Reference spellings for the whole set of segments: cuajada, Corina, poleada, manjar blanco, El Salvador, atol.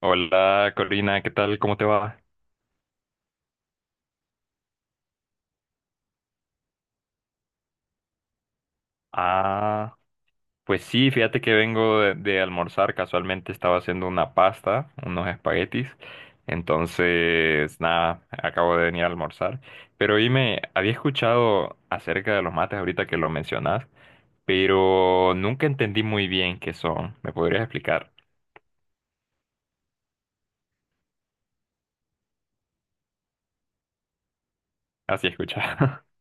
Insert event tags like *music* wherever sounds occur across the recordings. Hola Corina, ¿qué tal? ¿Cómo te va? Ah, pues sí, fíjate que vengo de almorzar, casualmente estaba haciendo una pasta, unos espaguetis, entonces nada, acabo de venir a almorzar, pero dime, había escuchado acerca de los mates ahorita que lo mencionas, pero nunca entendí muy bien qué son. ¿Me podrías explicar? Así escuchaba. *laughs*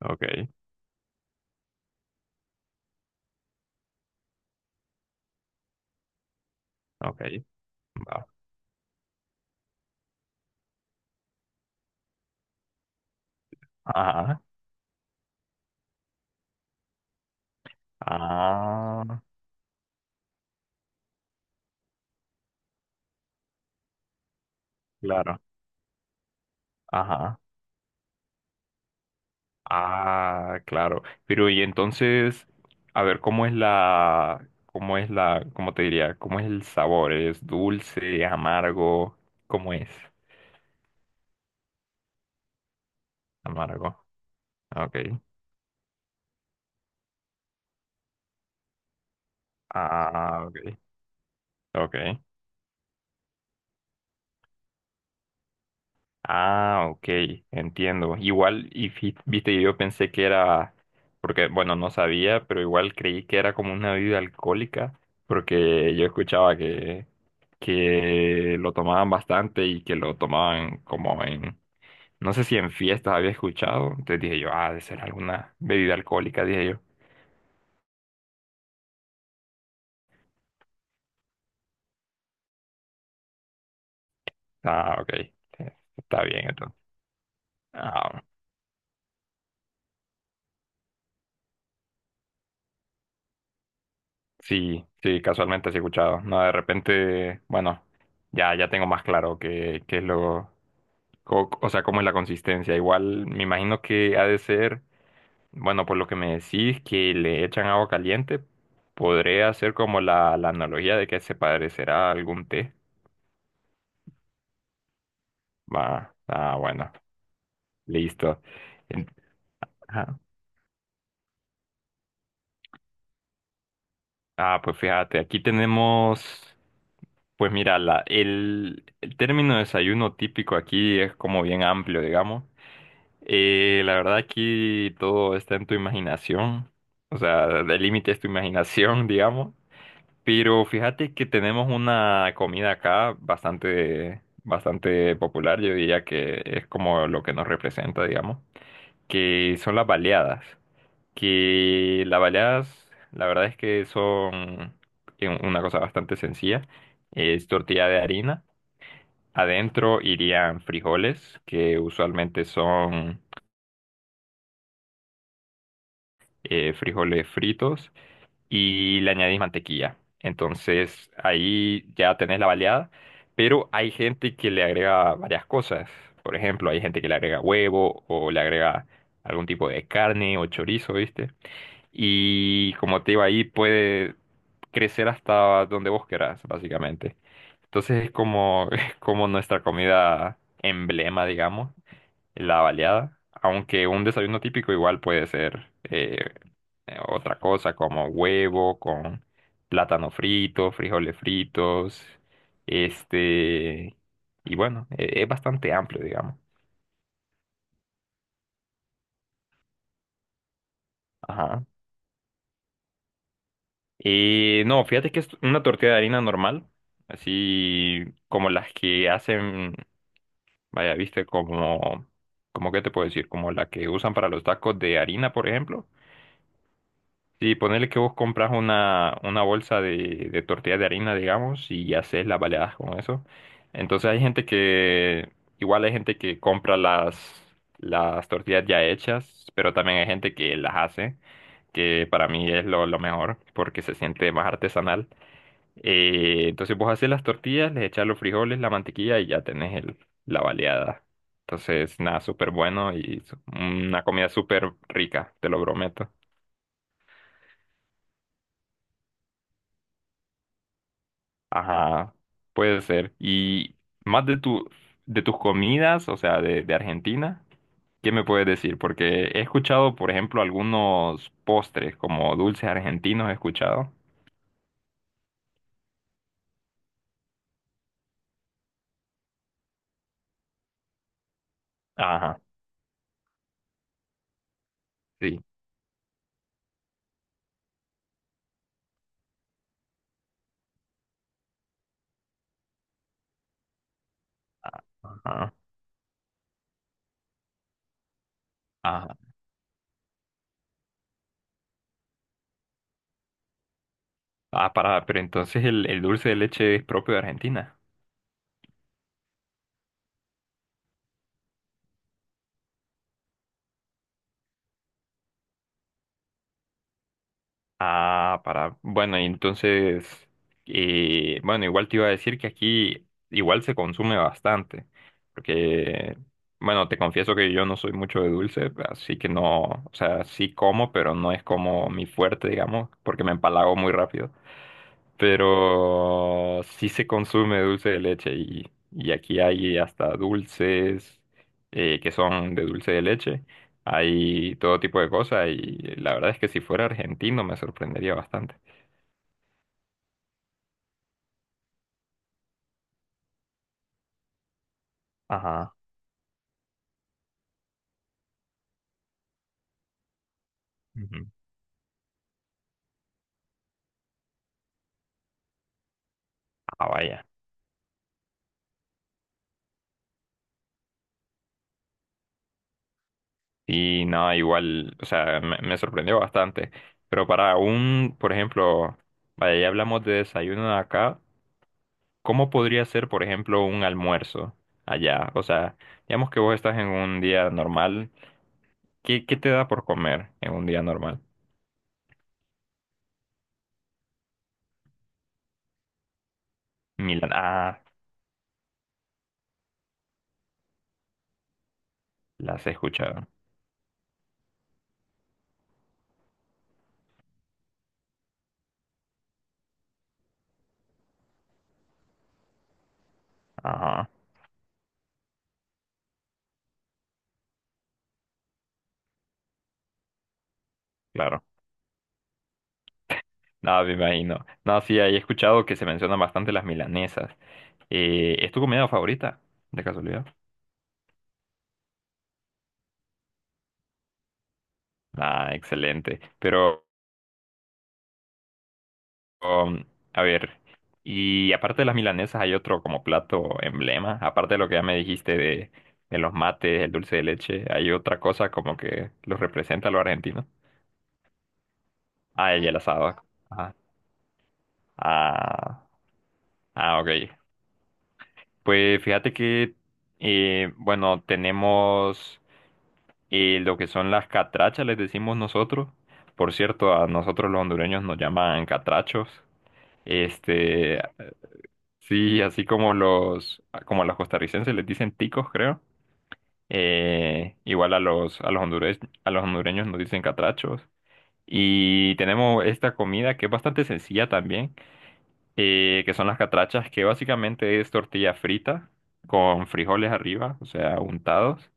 Ok, ok, va. Ajá, ah, claro, ajá. Ah, claro. Pero y entonces, a ver, ¿cómo es la, cómo es la, cómo te diría, cómo es el sabor? ¿Es dulce, amargo? ¿Cómo es? Amargo. Ok. Ah, ok. Ok. Ah, ok, entiendo. Igual, y viste, yo pensé que era, porque, bueno, no sabía, pero igual creí que era como una bebida alcohólica, porque yo escuchaba que lo tomaban bastante y que lo tomaban como en, no sé si en fiestas había escuchado, entonces dije yo, ah, debe ser alguna bebida alcohólica, dije yo. Ah, ok, está bien entonces. Ah, sí, sí, casualmente sí he escuchado. No, de repente, bueno, ya tengo más claro qué es lo, o sea, cómo es la consistencia. Igual me imagino que ha de ser, bueno, por lo que me decís, que le echan agua caliente, podría hacer como la analogía de que se parecerá a algún té. Va, ah, bueno, listo. En- ajá. Ah, pues fíjate, aquí tenemos... Pues mira, el término desayuno típico aquí es como bien amplio, digamos. La verdad aquí todo está en tu imaginación, o sea, el límite es tu imaginación, *laughs* digamos, pero fíjate que tenemos una comida acá bastante, bastante popular, yo diría que es como lo que nos representa, digamos, que son las baleadas, que las baleadas, la verdad es que son una cosa bastante sencilla, es tortilla de harina, adentro irían frijoles, que usualmente son... frijoles fritos y le añadís mantequilla. Entonces ahí ya tenés la baleada, pero hay gente que le agrega varias cosas. Por ejemplo, hay gente que le agrega huevo o le agrega algún tipo de carne o chorizo, ¿viste? Y como te digo, ahí puede crecer hasta donde vos querás, básicamente. Entonces es como, *laughs* es como nuestra comida emblema, digamos, la baleada. Aunque un desayuno típico igual puede ser otra cosa como huevo con plátano frito, frijoles fritos, este, y bueno, es bastante amplio, digamos. Ajá. No, fíjate que es una tortilla de harina normal, así como las que hacen, vaya, viste, como, como, ¿qué te puedo decir? Como la que usan para los tacos de harina, por ejemplo. Sí, ponerle que vos compras una bolsa de tortillas de harina, digamos, y haces las baleadas con eso. Entonces hay gente que, igual hay gente que compra las tortillas ya hechas, pero también hay gente que las hace, que para mí es lo mejor, porque se siente más artesanal. Entonces vos haces las tortillas, les echas los frijoles, la mantequilla y ya tenés el, la baleada. Entonces, nada, súper bueno y una comida súper rica, te lo prometo. Ajá, puede ser. Y más de tu, de tus comidas, o sea, de Argentina, ¿qué me puedes decir? Porque he escuchado, por ejemplo, algunos postres como dulces argentinos, he escuchado. Ajá, sí. Ajá, ajá. Ah, para, pero entonces el dulce de leche es propio de Argentina. Ah, para. Bueno, y entonces, bueno, igual te iba a decir que aquí igual se consume bastante, porque, bueno, te confieso que yo no soy mucho de dulce, así que no, o sea, sí como, pero no es como mi fuerte, digamos, porque me empalago muy rápido, pero sí se consume dulce de leche y aquí hay hasta dulces que son de dulce de leche, hay todo tipo de cosas y la verdad es que si fuera argentino me sorprendería bastante. Ajá. Ujú. Ah, vaya. Y no, igual, o sea, me sorprendió bastante. Pero para un, por ejemplo, vaya, ya hablamos de desayuno de acá, ¿cómo podría ser, por ejemplo, un almuerzo allá? O sea, digamos que vos estás en un día normal. ¿Qué, qué te da por comer en un día normal? Milan, ah, las he escuchado. Ajá, claro. No, me imagino. No, sí, ahí he escuchado que se mencionan bastante las milanesas. ¿Es tu comida favorita, de casualidad? Ah, excelente. Pero, um, a ver, y aparte de las milanesas, ¿hay otro como plato emblema? Aparte de lo que ya me dijiste de los mates, el dulce de leche, ¿hay otra cosa como que los representa a los argentinos? Ah, y el asado. Ah, ah, ah, ok. Pues fíjate que, bueno, tenemos lo que son las catrachas, les decimos nosotros. Por cierto, a nosotros los hondureños nos llaman catrachos. Este, sí, así como los, como a los costarricenses les dicen ticos, creo. Igual a los, a los a los hondureños nos dicen catrachos. Y tenemos esta comida que es bastante sencilla también. Que son las catrachas, que básicamente es tortilla frita con frijoles arriba, o sea, untados,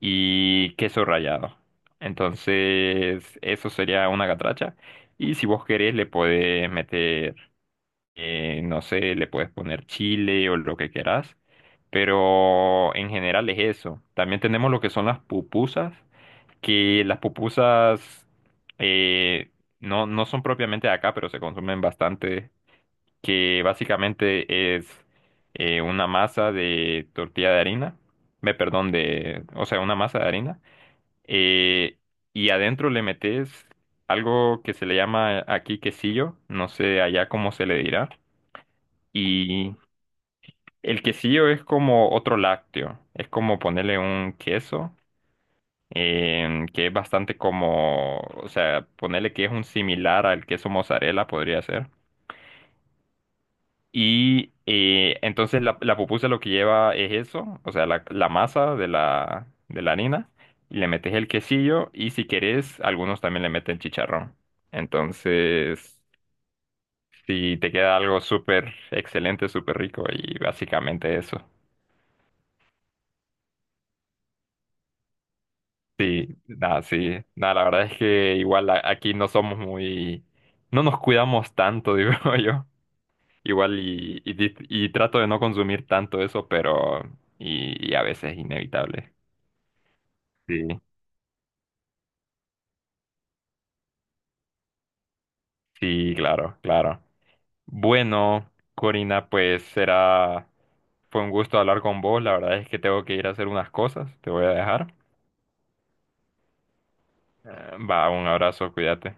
y queso rallado. Entonces, eso sería una catracha. Y si vos querés, le podés meter, no sé, le puedes poner chile o lo que querás. Pero en general es eso. También tenemos lo que son las pupusas, que las pupusas eh, no, no son propiamente de acá, pero se consumen bastante, que básicamente es una masa de tortilla de harina, me perdón, de, o sea, una masa de harina, eh, y adentro le metes algo que se le llama aquí quesillo, no sé allá cómo se le dirá, y el quesillo es como otro lácteo, es como ponerle un queso. Que es bastante como, o sea, ponerle que es un similar al queso mozzarella, podría ser. Y entonces la pupusa lo que lleva es eso, o sea, la masa de la harina, y le metes el quesillo y si querés, algunos también le meten chicharrón. Entonces, si te queda algo súper excelente, súper rico y básicamente eso. Sí, nada, la verdad es que igual aquí no somos muy, no nos cuidamos tanto, *laughs* digo yo. Igual y, y trato de no consumir tanto eso, pero y a veces es inevitable. Sí, sí, claro, claro. Bueno, Corina, pues será, fue un gusto hablar con vos. La verdad es que tengo que ir a hacer unas cosas. Te voy a dejar. Va, un abrazo, cuídate.